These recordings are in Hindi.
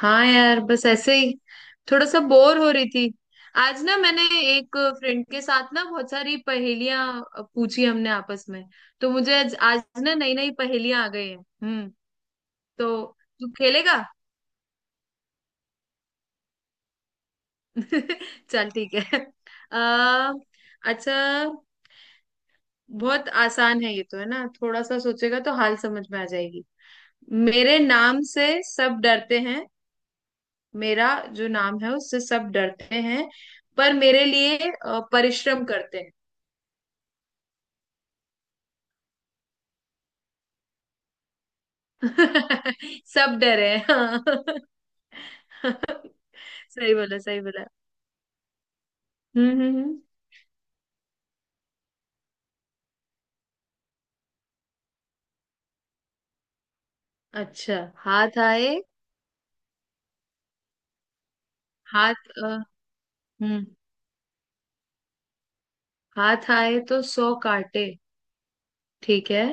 हाँ यार बस ऐसे ही थोड़ा सा बोर हो रही थी। आज ना मैंने एक फ्रेंड के साथ ना बहुत सारी पहेलियां पूछी हमने आपस में। तो मुझे आज ना नई नई पहेलियां आ गई हैं तो तू खेलेगा? चल ठीक है। आ, अच्छा। बहुत आसान है ये तो, है ना? थोड़ा सा सोचेगा तो हाल समझ में आ जाएगी। मेरे नाम से सब डरते हैं। मेरा जो नाम है उससे सब डरते हैं, पर मेरे लिए परिश्रम करते हैं। सब डरे हैं हाँ। सही बोला, सही बोला। हम्म, हम्म, अच्छा। हाथ आए हाथ अ, हम्म हाथ आए तो 100 काटे, ठीक है,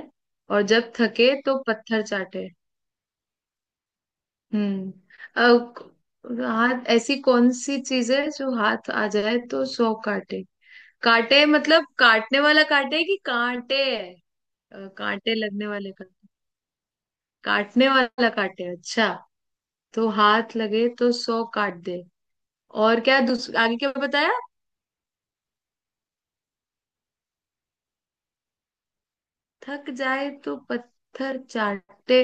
और जब थके तो पत्थर चाटे। हम्म। अब हाथ ऐसी कौन सी चीज है जो हाथ आ जाए तो 100 काटे? काटे मतलब काटने वाला काटे कि कांटे है? कांटे लगने वाले काटे? काटने वाला काटे, अच्छा। तो हाथ लगे तो 100 काट दे। और क्या आगे क्या बताया? थक जाए तो पत्थर चाटे।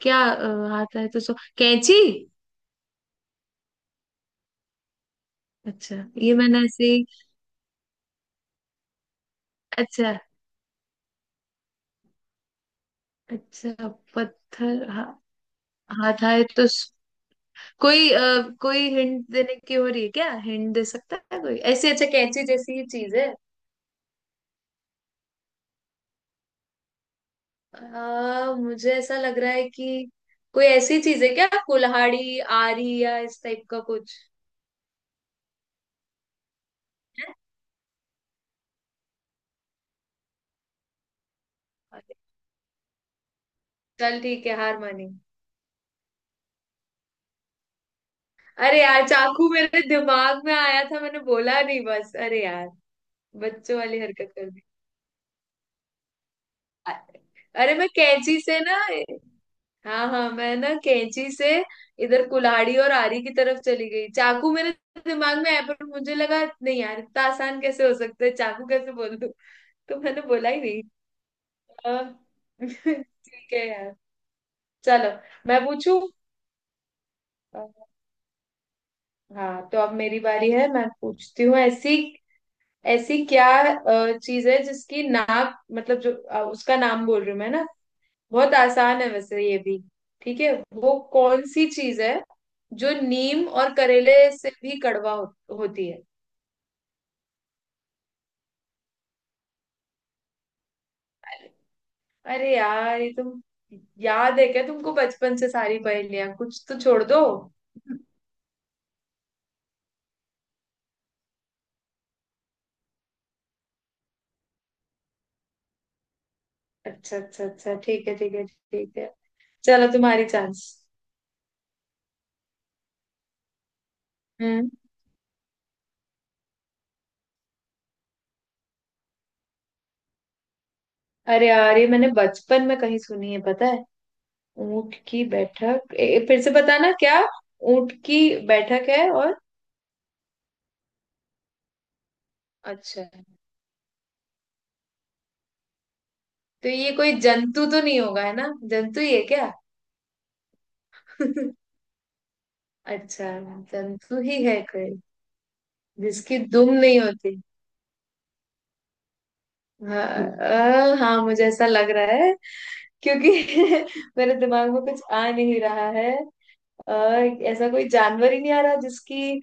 क्या हाथ आए तो सौ कैंची? अच्छा, ये मैंने ऐसे ही। अच्छा, अच्छा। पत्थर। हाथ आए तो कोई अ, कोई हिंट देने की हो रही है क्या, हिंट दे सकता है कोई ऐसी? अच्छा, कैंची जैसी ही चीज है। मुझे ऐसा लग रहा है कि कोई ऐसी चीज है क्या, कुल्हाड़ी, आरी या इस टाइप का कुछ? है, चल ठीक है, हार मानी। अरे यार चाकू मेरे दिमाग में आया था, मैंने बोला नहीं, बस अरे यार। बच्चों वाली हरकत कर दी। अ- अरे मैं कैंची से ना, हाँ हाँ मैं ना कैंची से इधर कुल्हाड़ी और आरी की तरफ चली गई। चाकू मेरे दिमाग में आया, पर मुझे लगा नहीं यार, इतना आसान कैसे हो सकता है, चाकू कैसे बोल दूं? तो मैंने बोला ही नहीं। अ, ठीक है यार। चलो मैं पूछू। हाँ तो अब मेरी बारी है, मैं पूछती हूँ। ऐसी ऐसी क्या चीज है जिसकी नाप, मतलब जो उसका नाम बोल रही हूँ मैं ना। बहुत आसान है वैसे ये भी, ठीक है। वो कौन सी चीज है जो नीम और करेले से भी कड़वा होती है? अरे यार, ये तुम याद है क्या तुमको, बचपन से सारी पहेलियां कुछ तो छोड़ दो। अच्छा, अच्छा, अच्छा, ठीक है, ठीक है, ठीक है। चलो तुम्हारी चांस। हम्म। अरे यार ये मैंने बचपन में कहीं सुनी है, पता है। ऊंट की बैठक, फिर से बताना क्या? ऊंट की बैठक है, और अच्छा। तो ये कोई जंतु तो नहीं होगा, है ना? जंतु ही है क्या? अच्छा, जंतु ही है कोई, जिसकी दुम नहीं होती? हाँ। हाँ मुझे ऐसा लग रहा है, क्योंकि मेरे दिमाग में कुछ आ नहीं रहा है। आ, ऐसा कोई जानवर ही नहीं आ रहा जिसकी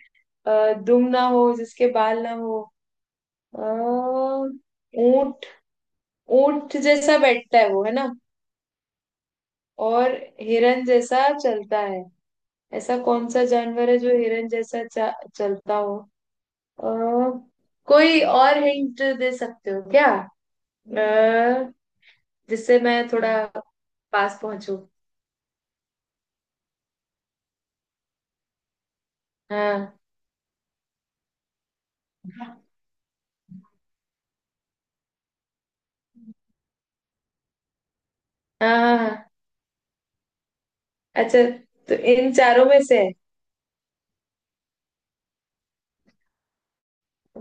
दुम ना हो, जिसके बाल ना हो। अ, ऊंट, ऊंट जैसा बैठता है वो, है ना? और हिरन जैसा चलता है। ऐसा कौन सा जानवर है जो हिरन जैसा चलता हो? अ, कोई और हिंट दे सकते हो क्या, अ, जिससे मैं थोड़ा पास पहुंचू? हाँ, हाँ, हाँ, हाँ। अच्छा, तो इन चारों में से है।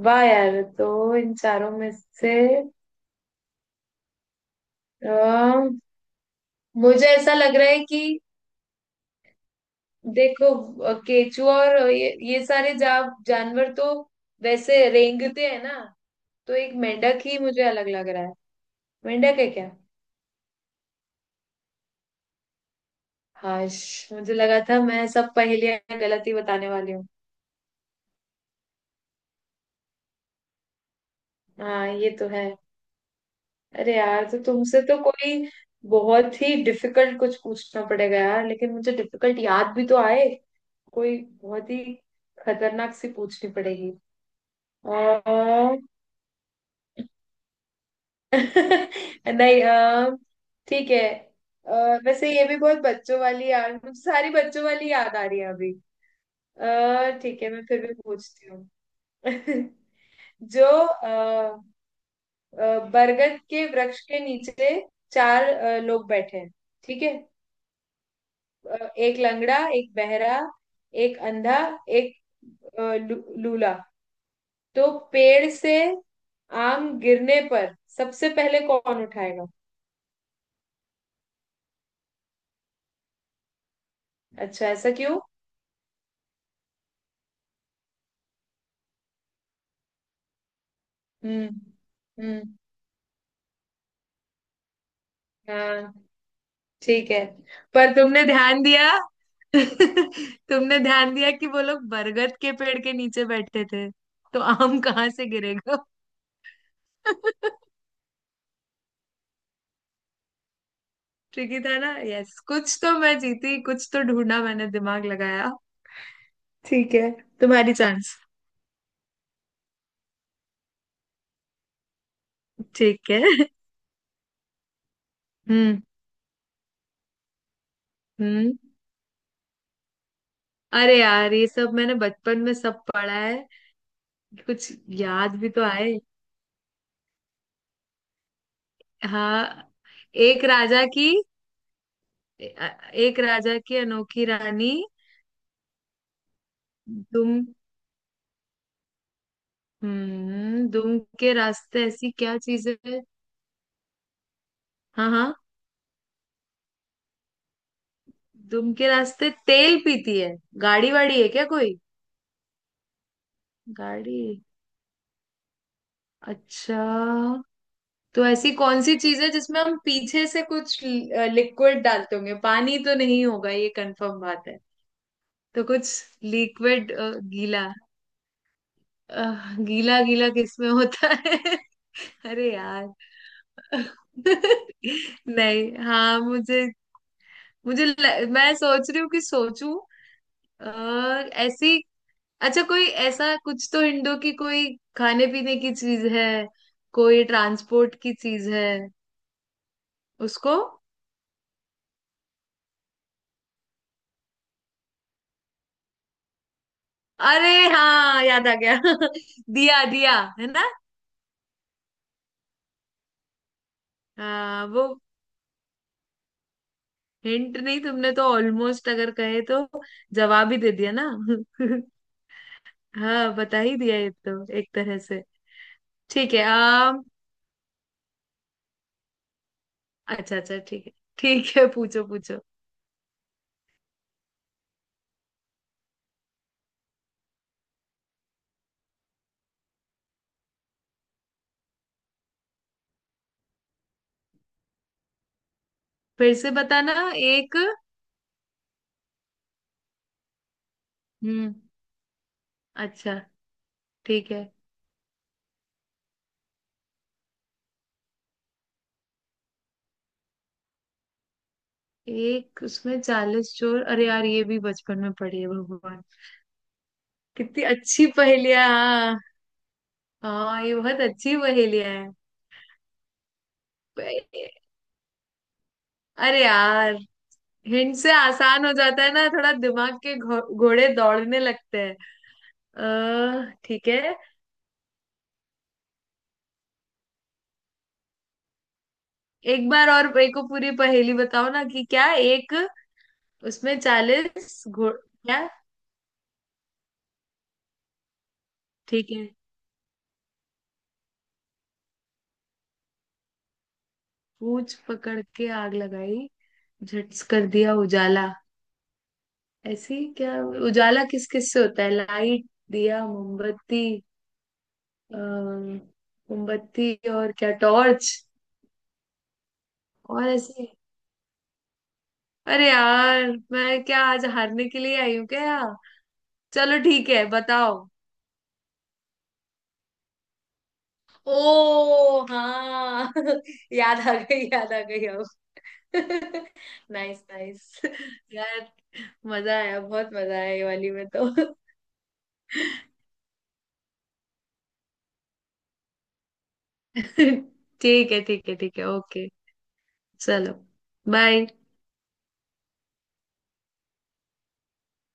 वाह यार, तो इन चारों में से अ, मुझे ऐसा लग रहा है कि, देखो केचुआ और ये सारे जानवर तो वैसे रेंगते हैं ना। तो एक मेंढक ही मुझे अलग लग रहा है। मेंढक है क्या? हाश, मुझे लगा था मैं सब पहेलियां गलत ही बताने वाली हूँ। हाँ ये तो है। अरे यार, तो तुमसे तो कोई बहुत ही डिफिकल्ट कुछ पूछना पड़ेगा यार, लेकिन मुझे डिफिकल्ट याद भी तो आए। कोई बहुत ही खतरनाक सी पूछनी पड़ेगी। अ, नहीं, ठीक है। अ, वैसे ये भी बहुत बच्चों वाली, यार मुझे सारी बच्चों वाली याद आ रही है अभी। ठीक है मैं फिर भी पूछती हूँ। जो बरगद के वृक्ष के नीचे चार लोग बैठे हैं, ठीक है। एक लंगड़ा, एक बहरा, एक अंधा, एक लूला। तो पेड़ से आम गिरने पर सबसे पहले कौन उठाएगा? अच्छा, ऐसा क्यों? हम्म, हम्म। हाँ, ठीक है। पर तुमने ध्यान दिया? तुमने ध्यान दिया कि वो लोग बरगद के पेड़ के नीचे बैठते थे, तो आम कहाँ से गिरेगा? ट्रिकी था ना, यस, कुछ तो मैं जीती, कुछ तो ढूंढा मैंने दिमाग लगाया। ठीक है, तुम्हारी चांस। ठीक है। हम्म, हम्म। अरे यार ये सब मैंने बचपन में सब पढ़ा है, कुछ याद भी तो आए। हाँ, एक राजा की एक राजा की अनोखी रानी। तुम दुम के रास्ते ऐसी क्या चीज है? हाँ हाँ, दुम के रास्ते तेल पीती है, गाड़ी वाड़ी है क्या कोई? गाड़ी, अच्छा। तो ऐसी कौन सी चीज है जिसमें हम पीछे से कुछ लिक्विड डालते होंगे, पानी तो नहीं होगा ये कंफर्म बात है। तो कुछ लिक्विड, गीला। अ, गीला गीला किसमें होता है? अरे यार। नहीं, हाँ मुझे, मैं सोच रही हूँ कि सोचूं, और ऐसी। अच्छा, कोई ऐसा कुछ तो इंडो की कोई खाने पीने की चीज है? कोई ट्रांसपोर्ट की चीज है? उसको, अरे हाँ याद आ गया। दिया, दिया, है ना? हाँ वो हिंट नहीं, तुमने तो ऑलमोस्ट, अगर कहे तो जवाब ही दे दिया ना। हाँ, बता ही दिया ये तो एक तरह से। ठीक है, आम। अच्छा, अच्छा, ठीक है, ठीक है, पूछो, पूछो। फिर से बताना, एक? हम्म। अच्छा, ठीक है। एक उसमें 40 चोर? अरे यार, ये भी बचपन में पढ़ी है भगवान। कितनी अच्छी पहेलियां, हाँ। हाँ ये बहुत अच्छी पहेलियां है। प- अरे यार, हिंट से आसान हो जाता है ना, थोड़ा दिमाग के घोड़े दौड़ने लगते हैं। अः ठीक है। एक बार और मेरे को पूरी पहेली बताओ ना, कि क्या एक उसमें चालीस घोड़ क्या? ठीक है। पूंछ पकड़ के आग लगाई, झट्स कर दिया उजाला, ऐसे ही क्या? उजाला किस किस से होता है? लाइट, दिया, मोमबत्ती, और क्या, टॉर्च? और ऐसे? अरे यार, मैं क्या आज हारने के लिए आई हूँ क्या? चलो ठीक है, बताओ। ओ हाँ, याद आ गई, याद आ गई अब। Nice, nice. यार, मजा आया, बहुत मजा आया ये वाली में तो। ठीक है, ठीक है, ठीक है, ओके। चलो, बाय।